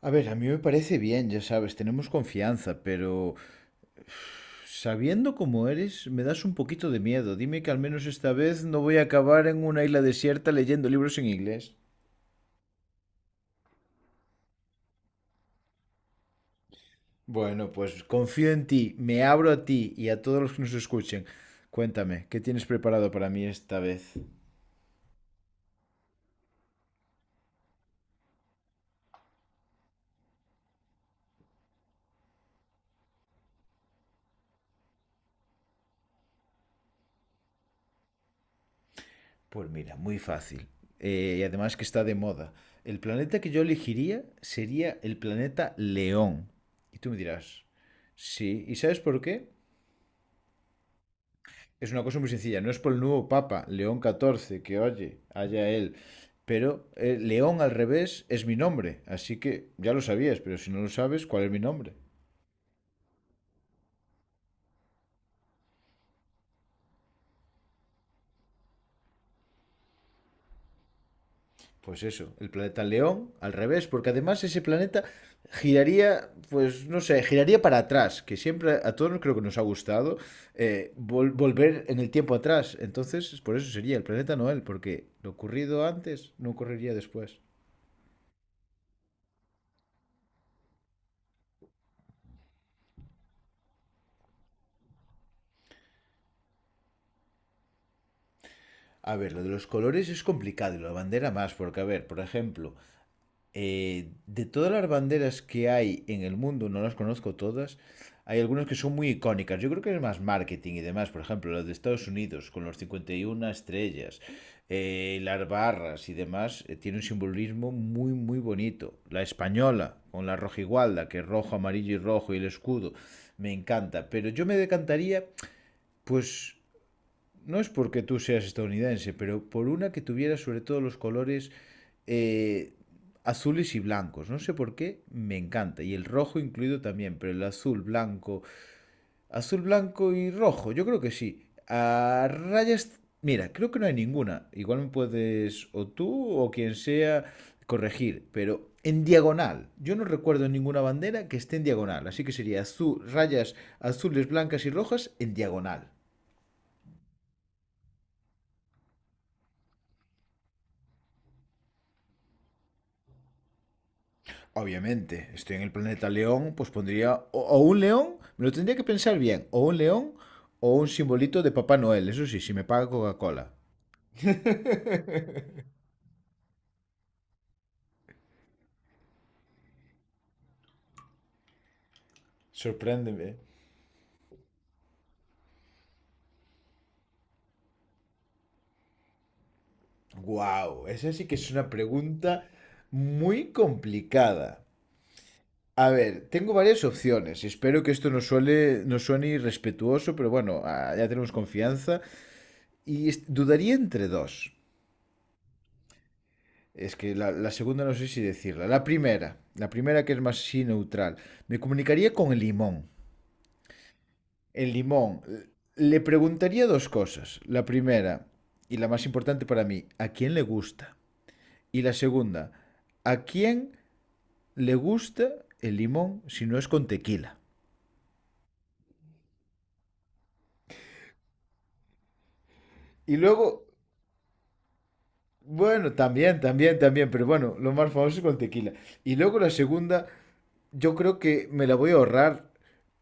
A ver, a mí me parece bien, ya sabes, tenemos confianza, pero sabiendo cómo eres, me das un poquito de miedo. Dime que al menos esta vez no voy a acabar en una isla desierta leyendo libros en inglés. Bueno, pues confío en ti, me abro a ti y a todos los que nos escuchen. Cuéntame, ¿qué tienes preparado para mí esta vez? Pues mira, muy fácil. Y además que está de moda. El planeta que yo elegiría sería el planeta León. Y tú me dirás, sí, ¿y sabes por qué? Es una cosa muy sencilla. No es por el nuevo Papa, León XIV que oye, haya él. Pero León al revés es mi nombre. Así que ya lo sabías, pero si no lo sabes, ¿cuál es mi nombre? Pues eso, el planeta León al revés, porque además ese planeta giraría, pues no sé, giraría para atrás, que siempre a todos creo que nos ha gustado volver en el tiempo atrás. Entonces, por eso sería el planeta Noel, porque lo ocurrido antes no ocurriría después. A ver, lo de los colores es complicado y la bandera más, porque, a ver, por ejemplo, de todas las banderas que hay en el mundo, no las conozco todas, hay algunas que son muy icónicas. Yo creo que es más marketing y demás, por ejemplo, la de Estados Unidos con los 51 estrellas, las barras y demás, tiene un simbolismo muy, muy bonito. La española con la rojigualda, que es rojo, amarillo y rojo y el escudo, me encanta. Pero yo me decantaría, pues, no es porque tú seas estadounidense, pero por una que tuviera sobre todo los colores eh, azules y blancos. No sé por qué, me encanta. Y el rojo incluido también, pero el azul, blanco. Azul, blanco y rojo, yo creo que sí. A rayas, mira, creo que no hay ninguna. Igual me puedes, o tú o quien sea, corregir, pero en diagonal. Yo no recuerdo ninguna bandera que esté en diagonal, así que sería azul, rayas azules, blancas y rojas en diagonal. Obviamente, estoy en el planeta león, pues pondría o un león, me lo tendría que pensar bien, o un león o un simbolito de Papá Noel, eso sí, si me paga Coca-Cola. Sorpréndeme. Wow, esa sí que es una pregunta muy complicada. A ver, tengo varias opciones. Espero que esto no, suele, no suene irrespetuoso, pero bueno, ya tenemos confianza. Y dudaría entre dos. Es que la segunda no sé si decirla. La primera que es más sí neutral. Me comunicaría con el limón. El limón. Le preguntaría dos cosas. La primera, y la más importante para mí, ¿a quién le gusta? Y la segunda, ¿a quién le gusta el limón si no es con tequila? Y luego bueno, también, también, también, pero bueno, lo más famoso es con tequila. Y luego la segunda, yo creo que me la voy a ahorrar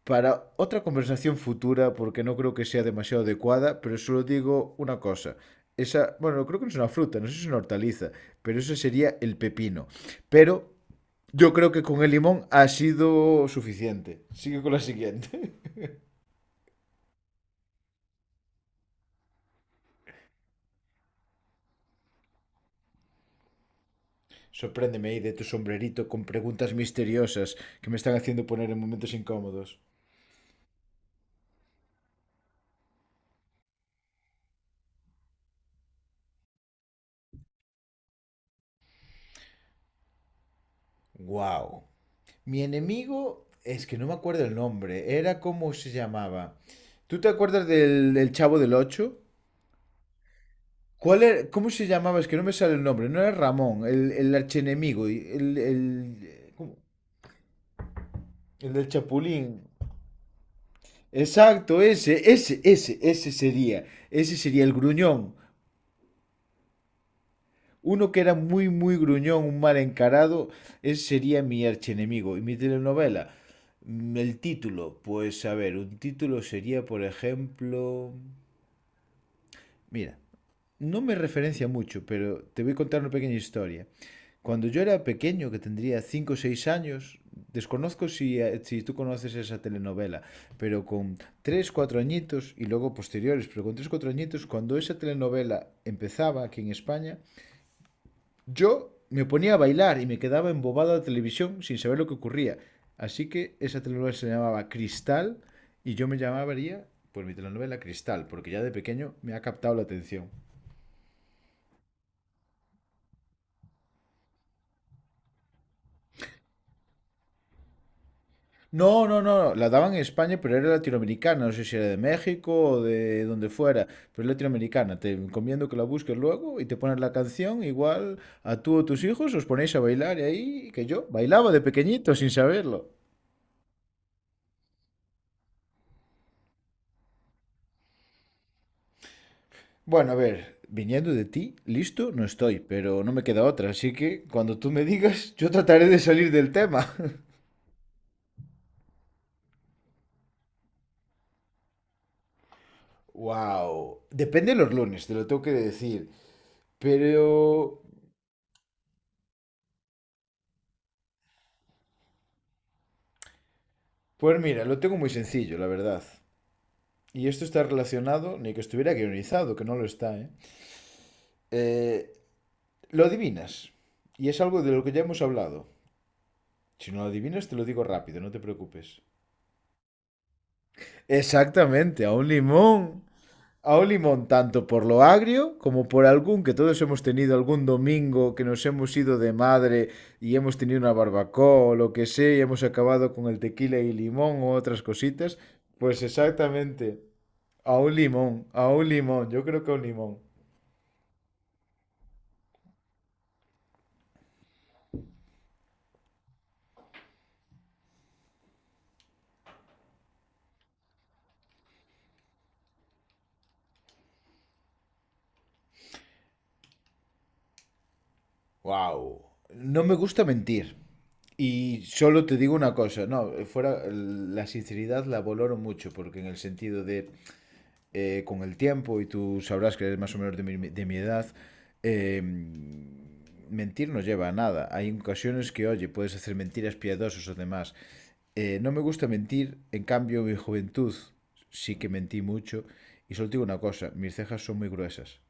para otra conversación futura porque no creo que sea demasiado adecuada, pero solo digo una cosa. Esa, bueno, creo que no es una fruta, no sé si es una hortaliza, pero eso sería el pepino. Pero yo creo que con el limón ha sido suficiente. Sigue con la siguiente. Sorpréndeme ahí de tu sombrerito con preguntas misteriosas que me están haciendo poner en momentos incómodos. ¡Guau! Mi enemigo, es que no me acuerdo el nombre, era cómo se llamaba. ¿Tú te acuerdas del Chavo del Ocho? ¿Cuál era, cómo se llamaba? Es que no me sale el nombre, no era Ramón, el archienemigo, y el, ¿cómo? El del Chapulín. Exacto, ese, ese sería el gruñón. Uno que era muy, muy gruñón, un mal encarado, ese sería mi archienemigo. Y mi telenovela, el título, pues a ver, un título sería, por ejemplo... Mira, no me referencia mucho, pero te voy a contar una pequeña historia. Cuando yo era pequeño, que tendría 5 o 6 años, desconozco si, si tú conoces esa telenovela, pero con 3 4 añitos y luego posteriores, pero con 3 4 añitos, cuando esa telenovela empezaba aquí en España, yo me ponía a bailar y me quedaba embobado a la televisión sin saber lo que ocurría. Así que esa telenovela se llamaba Cristal y yo me llamaría, pues mi telenovela Cristal, porque ya de pequeño me ha captado la atención. No, no, no, no, la daban en España, pero era latinoamericana, no sé si era de México o de donde fuera, pero es latinoamericana. Te encomiendo que la busques luego y te pones la canción, igual a tú o tus hijos os ponéis a bailar y ahí, que yo bailaba de pequeñito sin saberlo. Bueno, a ver, viniendo de ti, listo, no estoy, pero no me queda otra, así que cuando tú me digas, yo trataré de salir del tema. Wow, depende de los lunes, te lo tengo que decir, pero pues mira, lo tengo muy sencillo, la verdad. Y esto está relacionado, ni que estuviera guionizado, que no lo está, ¿eh? Eh, lo adivinas. Y es algo de lo que ya hemos hablado. Si no lo adivinas, te lo digo rápido, no te preocupes. Exactamente, a un limón. A un limón, tanto por lo agrio como por algún que todos hemos tenido algún domingo que nos hemos ido de madre y hemos tenido una barbacoa o lo que sea y hemos acabado con el tequila y limón o otras cositas. Pues exactamente, a un limón, yo creo que a un limón. Wow. No me gusta mentir. Y solo te digo una cosa, no, fuera la sinceridad la valoro mucho, porque en el sentido de con el tiempo, y tú sabrás que eres más o menos de mi edad, eh, mentir no lleva a nada. Hay ocasiones que, oye, puedes hacer mentiras piadosas o demás. No me gusta mentir, en cambio, en mi juventud sí que mentí mucho. Y solo te digo una cosa, mis cejas son muy gruesas.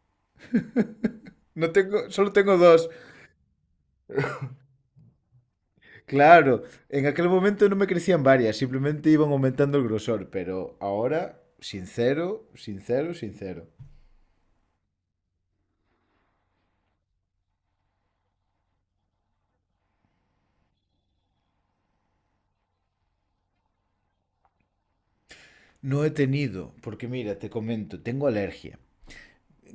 No tengo, solo tengo dos. Claro, en aquel momento no me crecían varias, simplemente iban aumentando el grosor, pero ahora, sincero, sincero, sincero. No he tenido, porque mira, te comento, tengo alergia.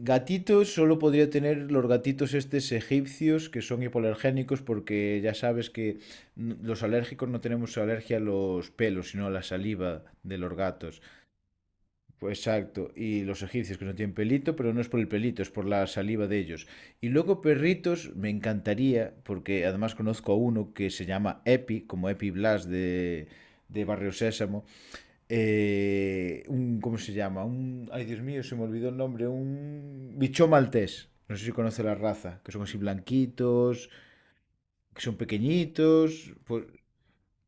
Gatitos solo podría tener los gatitos estos egipcios que son hipoalergénicos porque ya sabes que los alérgicos no tenemos alergia a los pelos, sino a la saliva de los gatos. Pues exacto. Y los egipcios que no tienen pelito, pero no es por el pelito, es por la saliva de ellos. Y luego perritos, me encantaría, porque además conozco a uno que se llama Epi, como Epi Blas de Barrio Sésamo. Un, ¿cómo se llama? Un, ay, Dios mío, se me olvidó el nombre. Un bichón maltés. No sé si conoce la raza, que son así blanquitos, que son pequeñitos. Pues,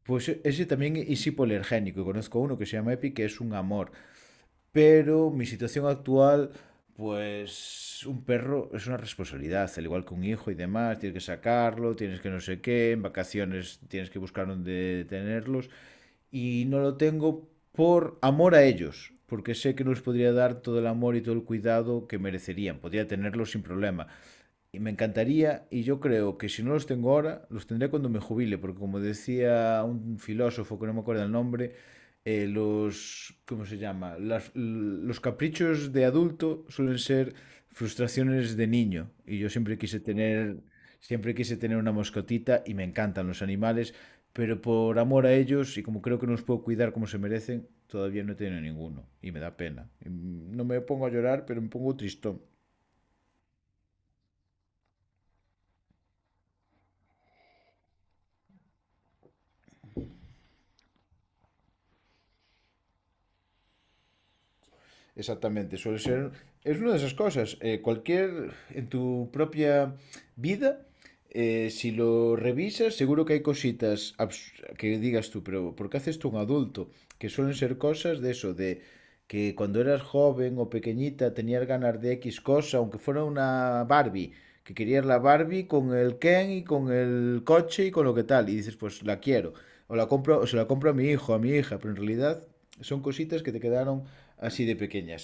pues ese también es hipoalergénico. Y conozco a uno que se llama Epi, que es un amor pero mi situación actual, pues un perro es una responsabilidad, al igual que un hijo y demás, tienes que sacarlo, tienes que no sé qué, en vacaciones tienes que buscar dónde tenerlos y no lo tengo por amor a ellos, porque sé que no les podría dar todo el amor y todo el cuidado que merecerían, podría tenerlos sin problema, y me encantaría, y yo creo que si no los tengo ahora, los tendré cuando me jubile, porque como decía un filósofo que no me acuerdo el nombre, ¿cómo se llama? Los caprichos de adulto suelen ser frustraciones de niño. Y yo siempre quise tener una mascotita y me encantan los animales, pero por amor a ellos y como creo que no los puedo cuidar como se merecen, todavía no he tenido ninguno y me da pena. Y, no me pongo a llorar, pero me pongo tristón. Exactamente, suele ser... Es una de esas cosas. Cualquier... En tu propia vida, si lo revisas, seguro que hay cositas que digas tú, pero ¿por qué haces tú un adulto? Que suelen ser cosas de eso, de que cuando eras joven o pequeñita tenías ganas de X cosa, aunque fuera una Barbie, que querías la Barbie con el Ken y con el coche y con lo que tal, y dices, pues la quiero, o la compro, o se la compro a mi hijo, a mi hija, pero en realidad son cositas que te quedaron así de pequeñas.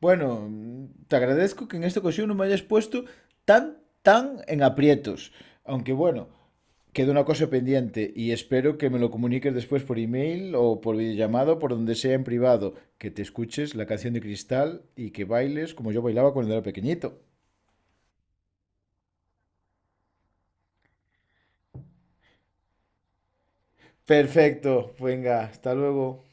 Bueno, te agradezco que en esta ocasión no me hayas puesto tan, tan en aprietos. Aunque bueno, queda una cosa pendiente y espero que me lo comuniques después por email o por videollamado, por donde sea en privado, que te escuches la canción de Cristal y que bailes como yo bailaba cuando era pequeñito. Perfecto, venga, hasta luego.